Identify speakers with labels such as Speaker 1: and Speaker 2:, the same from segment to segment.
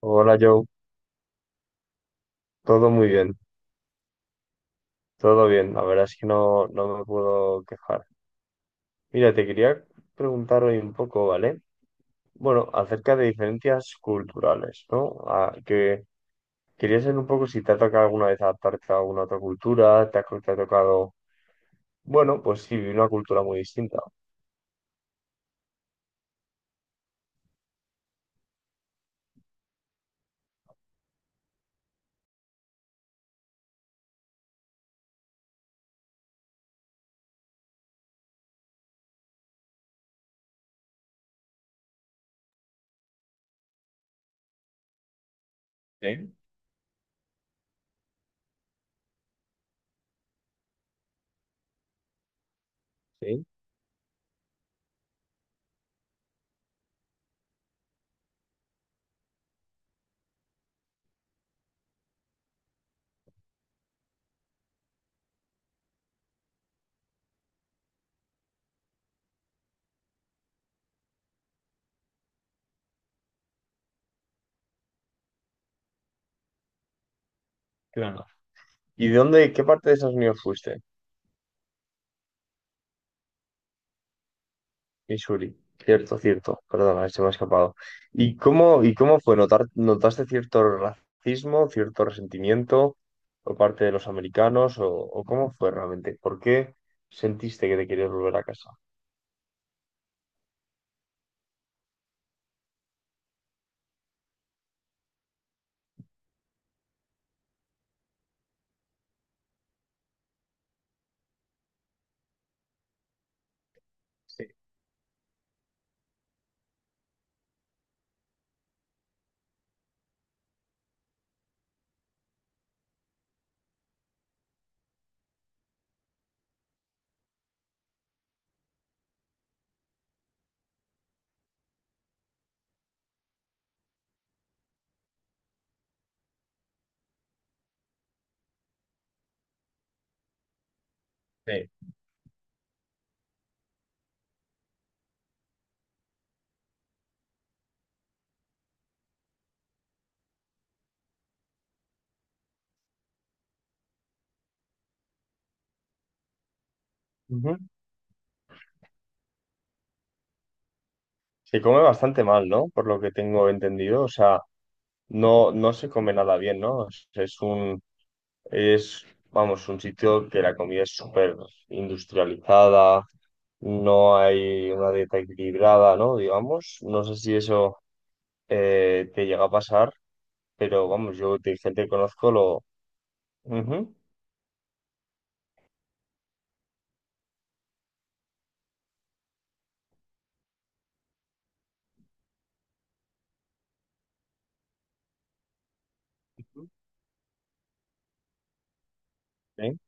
Speaker 1: Hola Joe, todo muy bien, todo bien, la verdad es que no me puedo quejar. Mira, te quería preguntar hoy un poco, ¿vale? Bueno, acerca de diferencias culturales, ¿no? Que quería saber un poco si te ha tocado alguna vez adaptarte a alguna otra cultura, te ha tocado, bueno, pues sí, una cultura muy distinta. Sí, sí, claro. ¿Y de dónde, qué parte de Estados Unidos fuiste? Y Shuri, cierto, cierto, perdona, se me ha escapado. ¿Y cómo fue? ¿Notaste cierto racismo, cierto resentimiento por parte de los americanos? O cómo fue realmente? ¿Por qué sentiste que te querías volver a casa? Sí, sí. Ujú. Se come bastante mal, ¿no? Por lo que tengo entendido. O sea, no, no se come nada bien, ¿no? Es un, es, vamos, un sitio que la comida es súper industrializada, no hay una dieta equilibrada, ¿no? Digamos, no sé si eso te llega a pasar, pero vamos, yo de gente que conozco lo... Ujú. Sí,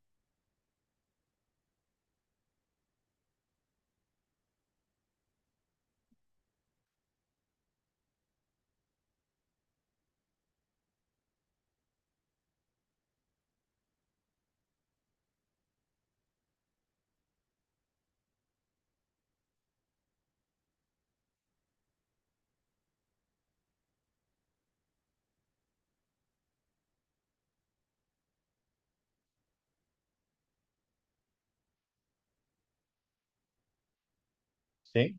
Speaker 1: sí.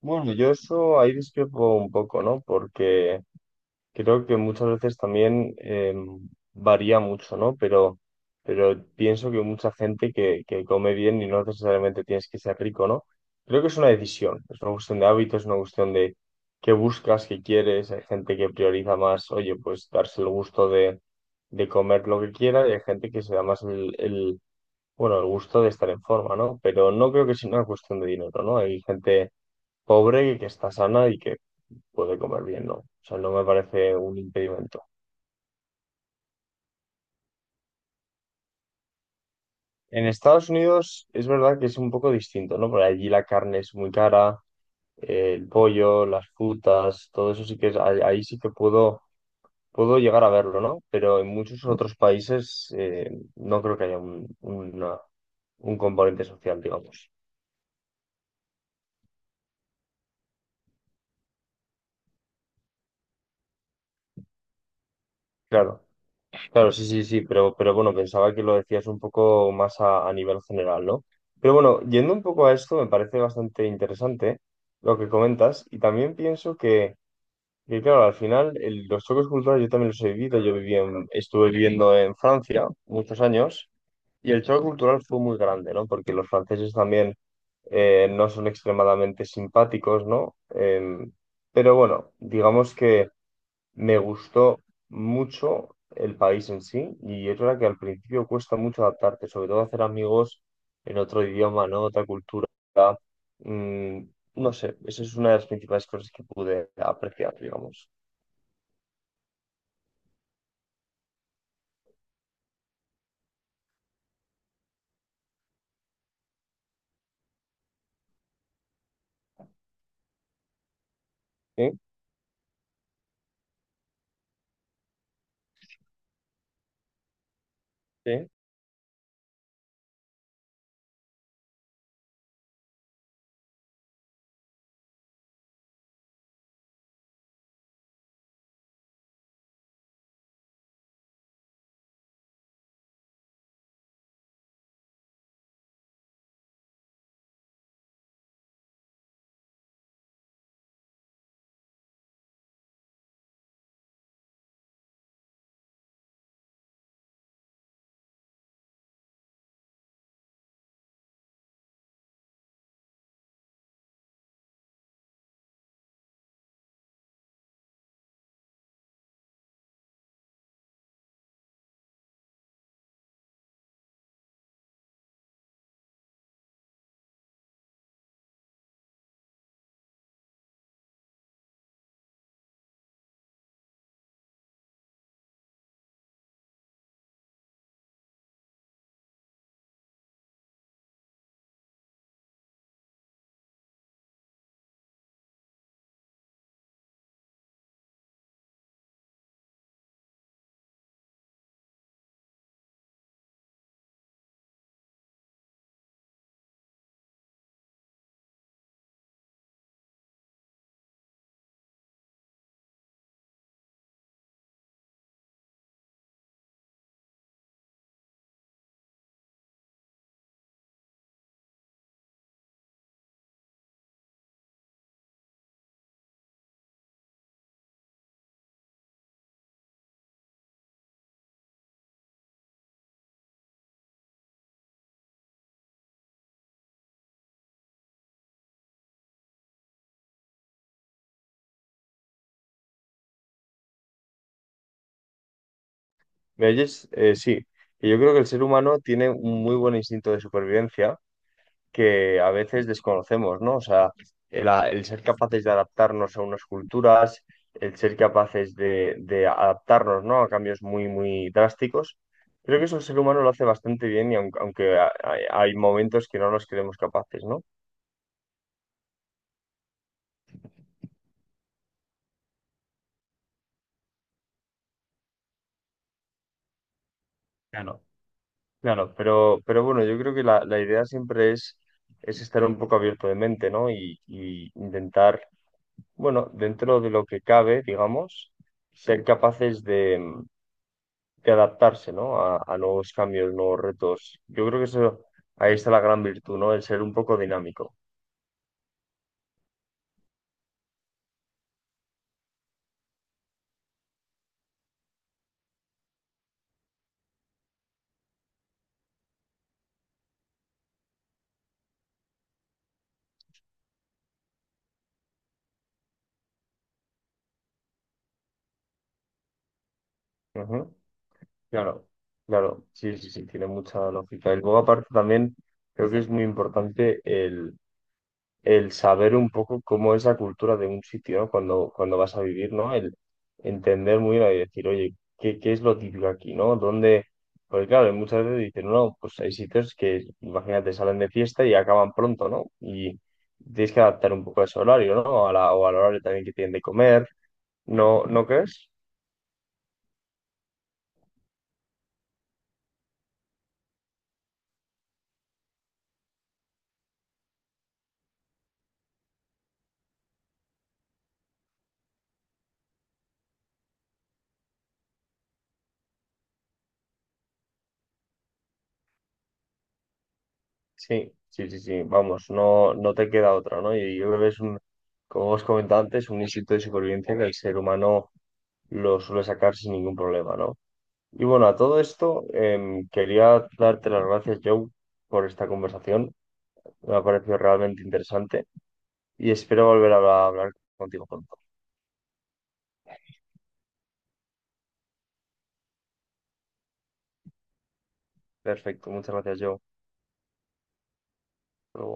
Speaker 1: Bueno, yo eso ahí discrepo un poco, ¿no? Porque creo que muchas veces también varía mucho, ¿no? Pero pienso que mucha gente que come bien y no necesariamente tienes que ser rico, ¿no? Creo que es una decisión, es una cuestión de hábitos, es una cuestión de qué buscas, qué quieres. Hay gente que prioriza más, oye, pues darse el gusto de comer lo que quiera y hay gente que se da más el, bueno, el gusto de estar en forma, ¿no? Pero no creo que sea una cuestión de dinero, ¿no? Hay gente pobre que está sana y puede comer bien, ¿no? O sea, no me parece un impedimento. En Estados Unidos es verdad que es un poco distinto, ¿no? Por allí la carne es muy cara, el pollo, las frutas, todo eso sí que es, ahí, ahí sí que puedo, puedo llegar a verlo, ¿no? Pero en muchos otros países no creo que haya un, una- un componente social, digamos. Claro. Claro, sí, sí, sí, pero bueno, pensaba que lo decías un poco más a nivel general, ¿no? Pero bueno, yendo un poco a esto, me parece bastante interesante lo que comentas y también pienso que, claro, al final el- los choques culturales yo también los he vivido, yo viví en- estuve viviendo en Francia muchos años y el choque cultural fue muy grande, ¿no? Porque los franceses también no son extremadamente simpáticos, ¿no? Pero bueno, digamos que... me gustó mucho el país en sí y es verdad que al principio cuesta mucho adaptarte, sobre todo hacer amigos en otro idioma, ¿no? Otra cultura. Mm, no sé, esa es una de las principales cosas que pude apreciar, digamos. ¿Sí? ¿Sí? ¿Me oyes? Sí. Y yo creo que el ser humano tiene un muy buen instinto de supervivencia que a veces desconocemos, ¿no? O sea, el, a- el ser capaces de adaptarnos a unas culturas, el ser capaces de adaptarnos, ¿no? A cambios muy, muy drásticos. Creo que eso el ser humano lo hace bastante bien y aun- aunque, a- hay momentos que no nos creemos capaces, ¿no? Claro, claro, pero bueno, yo creo que la idea siempre es estar un poco abierto de mente, ¿no? Y intentar, bueno, dentro de lo que cabe, digamos, ser capaces de que adaptarse, ¿no? A nuevos cambios, nuevos retos. Yo creo que eso, ahí está la gran virtud, ¿no? El ser un poco dinámico. Ujú. Claro, claro, sí, sí, sí, tiene mucha lógica. Y luego aparte también creo que es muy importante el saber un poco cómo es la cultura de un sitio, ¿no? Cuando, cuando vas a vivir, ¿no? El entender muy bien y decir, oye, ¿qué, qué es lo típico aquí, ¿no? ¿Dónde? Porque claro, muchas veces dicen, no, pues hay sitios que, imagínate, salen de fiesta y acaban pronto, ¿no? Y tienes que adaptar un poco a ese horario, ¿no? A la, o al horario también que tienen de comer, ¿no? ¿No crees? Sí, sí, sí, sí, vamos, no, no te queda otra, ¿no? Y yo creo que es un, como os comentaba antes, un instinto de supervivencia que el ser humano lo suele sacar sin ningún problema, ¿no? Y bueno, a todo esto, quería darte las gracias, Joe, por esta conversación. Me ha parecido realmente interesante y espero volver a hablar contigo pronto. Perfecto, muchas gracias, Joe. Hasta luego.